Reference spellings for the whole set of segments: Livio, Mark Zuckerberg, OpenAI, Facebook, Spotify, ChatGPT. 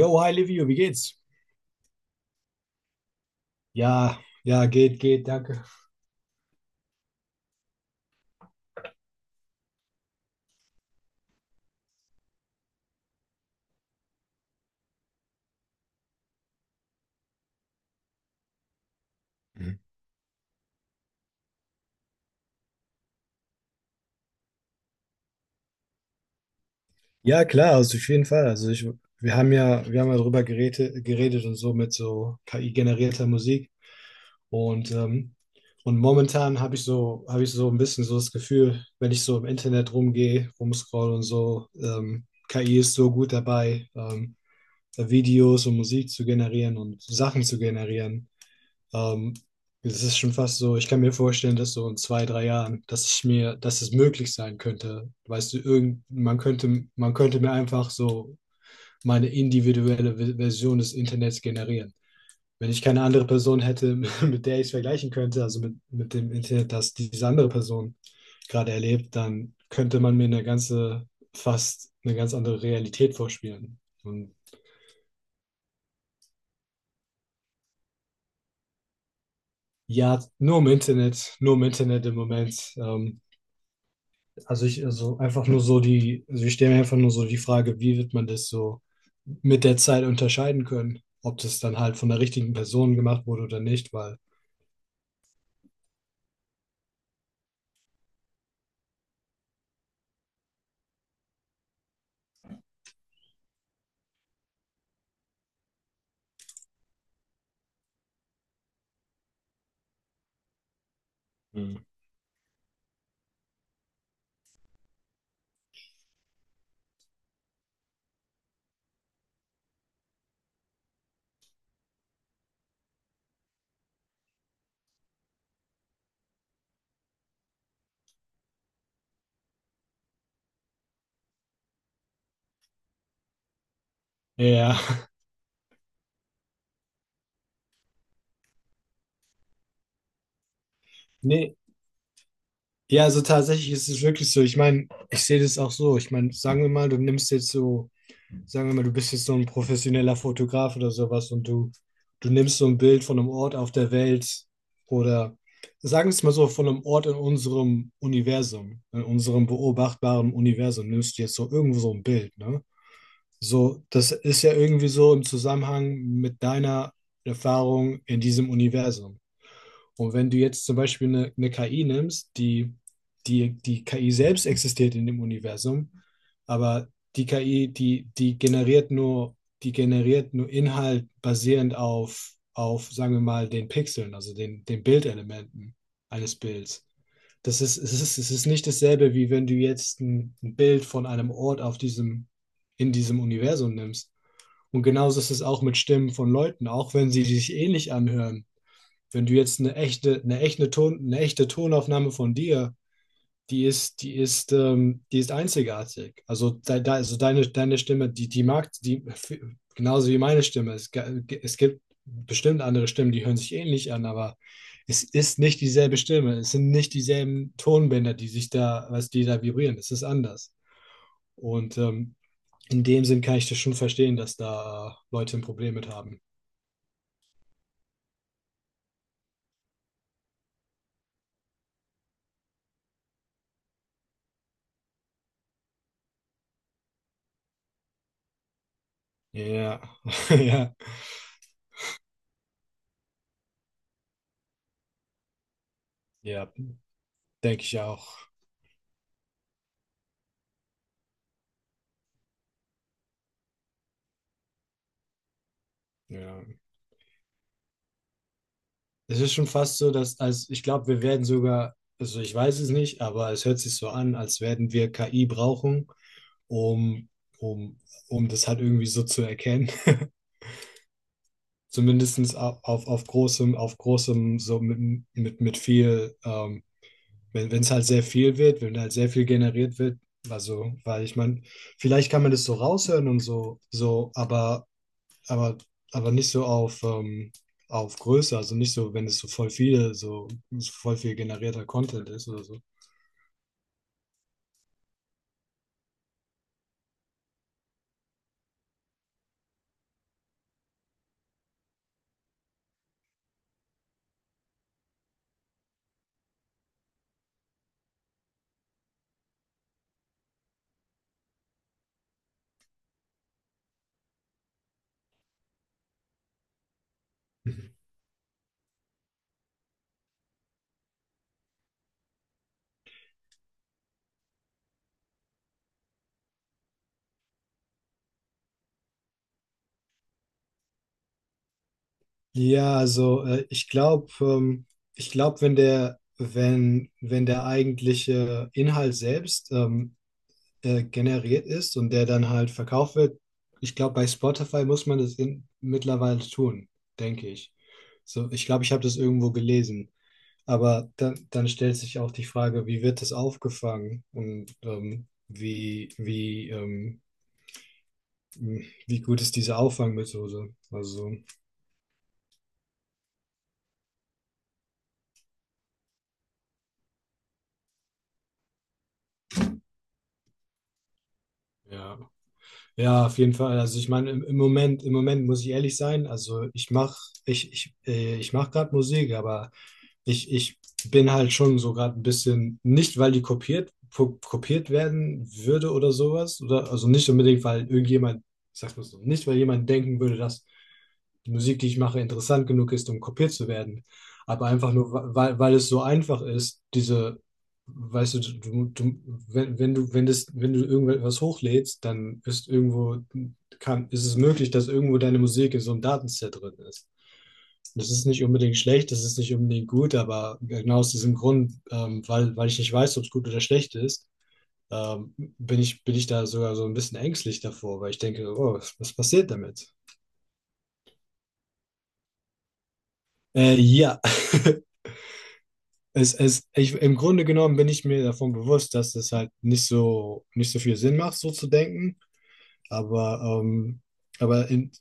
Yo, hi Livio, wie geht's? Ja, geht, danke. Mhm. Ja, klar, also auf jeden Fall. Wir haben ja darüber geredet und so mit so KI-generierter Musik. Und, ähm, und momentan habe ich so ein bisschen so das Gefühl, wenn ich so im Internet rumgehe, rumscroll. KI ist so gut dabei, Videos und Musik zu generieren und Sachen zu generieren. Ähm, Es ist schon fast so, ich kann mir vorstellen, dass so in zwei, drei Jahren, dass es möglich sein könnte. Weißt du, man könnte mir einfach so meine individuelle Version des Internets generieren. Wenn ich keine andere Person hätte, mit der ich es vergleichen könnte, mit dem Internet, das diese andere Person gerade erlebt, dann könnte man mir fast eine ganz andere Realität vorspielen. Und ja, nur im Internet im Moment. Also ich stelle mir einfach nur so die Frage, wie wird man das so mit der Zeit unterscheiden können, ob das dann halt von der richtigen Person gemacht wurde oder nicht, weil. Hm. Ja, nee, ja, also tatsächlich ist es wirklich so. Ich meine, ich sehe das auch so. Ich meine, sagen wir mal, du bist jetzt so ein professioneller Fotograf oder sowas du nimmst so ein Bild von einem Ort auf der Welt oder sagen wir es mal so, von einem Ort in unserem Universum, in unserem beobachtbaren Universum, nimmst du jetzt so irgendwo so ein Bild, ne? So, das ist ja irgendwie so im Zusammenhang mit deiner Erfahrung in diesem Universum. Und wenn du jetzt zum Beispiel eine KI nimmst, die KI selbst existiert in dem Universum, aber die KI, die generiert nur Inhalt basierend auf, sagen wir mal, den Pixeln, den Bildelementen eines Bilds. Es ist nicht dasselbe, wie wenn du jetzt ein Bild von einem Ort auf diesem, in diesem Universum nimmst. Und genauso ist es auch mit Stimmen von Leuten, auch wenn sie sich ähnlich anhören. Wenn du jetzt eine echte Tonaufnahme von dir, die ist einzigartig. Also, deine Stimme, genauso wie meine Stimme. Es gibt bestimmt andere Stimmen, die hören sich ähnlich an, aber es ist nicht dieselbe Stimme. Es sind nicht dieselben Tonbänder, die sich da, was die da vibrieren. Es ist anders. Und ähm, in dem Sinn kann ich das schon verstehen, dass da Leute ein Problem mit haben. Ja, ja, ja, denke ich auch. Ja. Es ist schon fast so, dass, als ich glaube, wir werden sogar, also ich weiß es nicht, aber es hört sich so an, als werden wir KI brauchen, um, um, um das halt irgendwie so zu erkennen. Zumindest auf, auf großem, so mit, mit viel, wenn wenn es halt sehr viel wird, wenn halt sehr viel generiert wird, also, weil ich meine, vielleicht kann man das so raushören und so, so, aber, aber nicht so auf Größe, also nicht so, wenn es so voll viele, so, so voll viel generierter Content ist oder so. Ja, also äh, ich glaube, ähm, ich glaube, wenn der eigentliche Inhalt selbst generiert ist und der dann halt verkauft wird, ich glaube, bei Spotify muss man das mittlerweile tun, denke ich. So, ich glaube, ich habe das irgendwo gelesen. Dann stellt sich auch die Frage, wie wird das aufgefangen und wie gut ist diese Auffangmethode? Also, ja. Ja, auf jeden Fall. Also ich meine, im, im Moment muss ich ehrlich sein, ich mach gerade Musik, aber ich bin halt schon so gerade ein bisschen, nicht weil die kopiert, po- kopiert werden würde oder sowas, oder also nicht unbedingt, weil irgendjemand, ich sag's mal so, nicht weil jemand denken würde, dass die Musik, die ich mache, interessant genug ist, um kopiert zu werden, aber einfach nur, weil es so einfach ist, diese, weißt du, wenn, wenn du irgendwas hochlädst, dann ist irgendwo, ist es möglich, dass irgendwo deine Musik in so einem Datenset drin ist. Das ist nicht unbedingt schlecht, das ist nicht unbedingt gut, aber genau aus diesem Grund, weil ich nicht weiß, ob es gut oder schlecht ist, bin ich da sogar so ein bisschen ängstlich davor, weil ich denke, oh, was passiert damit? Ja, im Grunde genommen bin ich mir davon bewusst, dass es halt nicht so, nicht so viel Sinn macht, so zu denken, aber, ähm, aber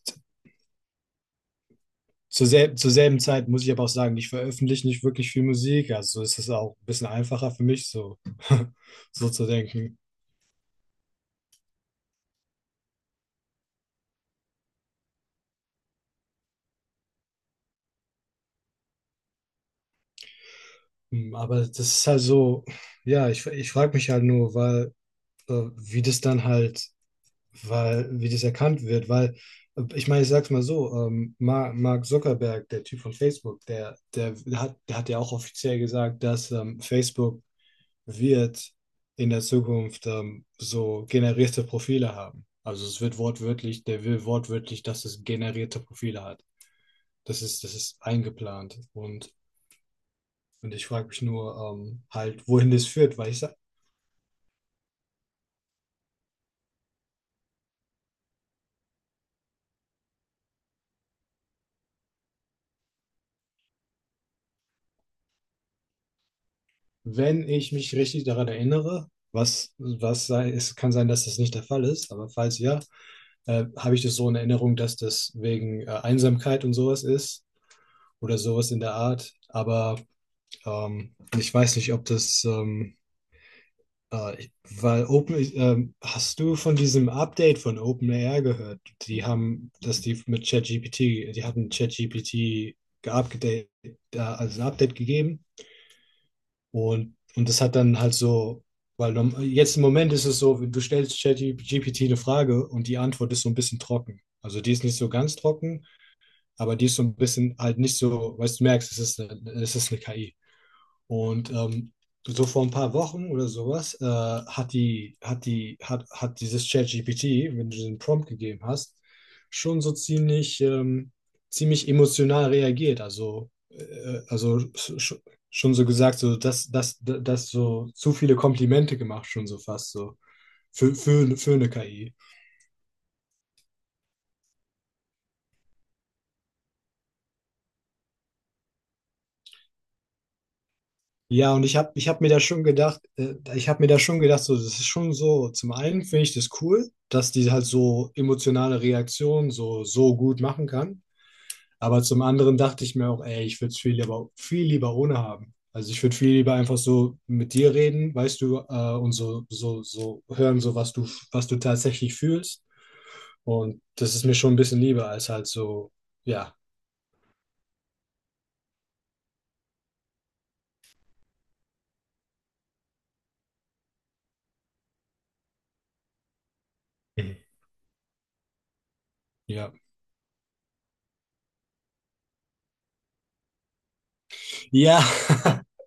zur selben Zeit muss ich aber auch sagen, ich veröffentliche nicht wirklich viel Musik, also ist es auch ein bisschen einfacher für mich, so, so zu denken. Hm. Aber das ist halt so, ja, ich frage mich halt nur, wie das dann halt, weil, wie das erkannt wird, ich meine, ich sag's mal so, Mark Zuckerberg, der Typ von Facebook, der hat ja auch offiziell gesagt, dass Facebook wird in der Zukunft so generierte Profile haben. Also es wird wortwörtlich, der will wortwörtlich, dass es generierte Profile hat. Das ist eingeplant und ich frage mich nur halt, wohin das führt, Wenn ich mich richtig daran erinnere, es kann sein, dass das nicht der Fall ist, aber falls ja, habe ich das so in Erinnerung, dass das wegen Einsamkeit und sowas ist oder sowas in der Art. Ich weiß nicht, ob das, äh, ich- weil hast du von diesem Update von OpenAI gehört? Dass die mit ChatGPT, die hatten ChatGPT geupdatet, also ein Update gegeben. Und das hat dann halt so, jetzt im Moment ist es so, du stellst ChatGPT eine Frage und die Antwort ist so ein bisschen trocken. Also die ist nicht so ganz trocken, aber die ist so ein bisschen halt nicht so, weißt du, merkst, es ist eine KI. Und ähm, so vor ein paar Wochen oder sowas hat dieses ChatGPT, wenn du den Prompt gegeben hast, schon so ziemlich, ähm, ziemlich emotional reagiert. Schon so gesagt, dass so zu viele Komplimente gemacht, schon so fast so. Für, für eine KI. Ja, und ich hab mir da schon gedacht, so, das ist schon so, zum einen finde ich das cool, dass die halt so emotionale Reaktionen so, so gut machen kann, aber zum anderen dachte ich mir auch, ey, ich würde es viel lieber ohne haben. Also ich würde viel lieber einfach so mit dir reden, weißt du, und so, so, so hören, was du tatsächlich fühlst. Und das ist mir schon ein bisschen lieber als halt so, ja, Mhm. Ja. Ja,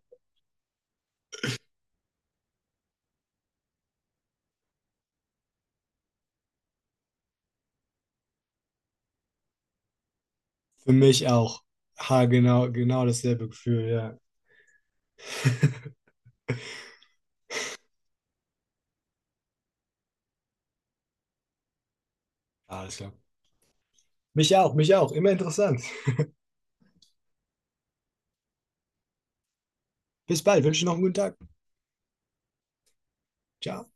für mich auch. Ha, genau, genau dasselbe Gefühl, ja. Alles klar. Mich auch, mich auch. Immer interessant. Bis bald. Wünsche noch einen guten Tag. Ciao.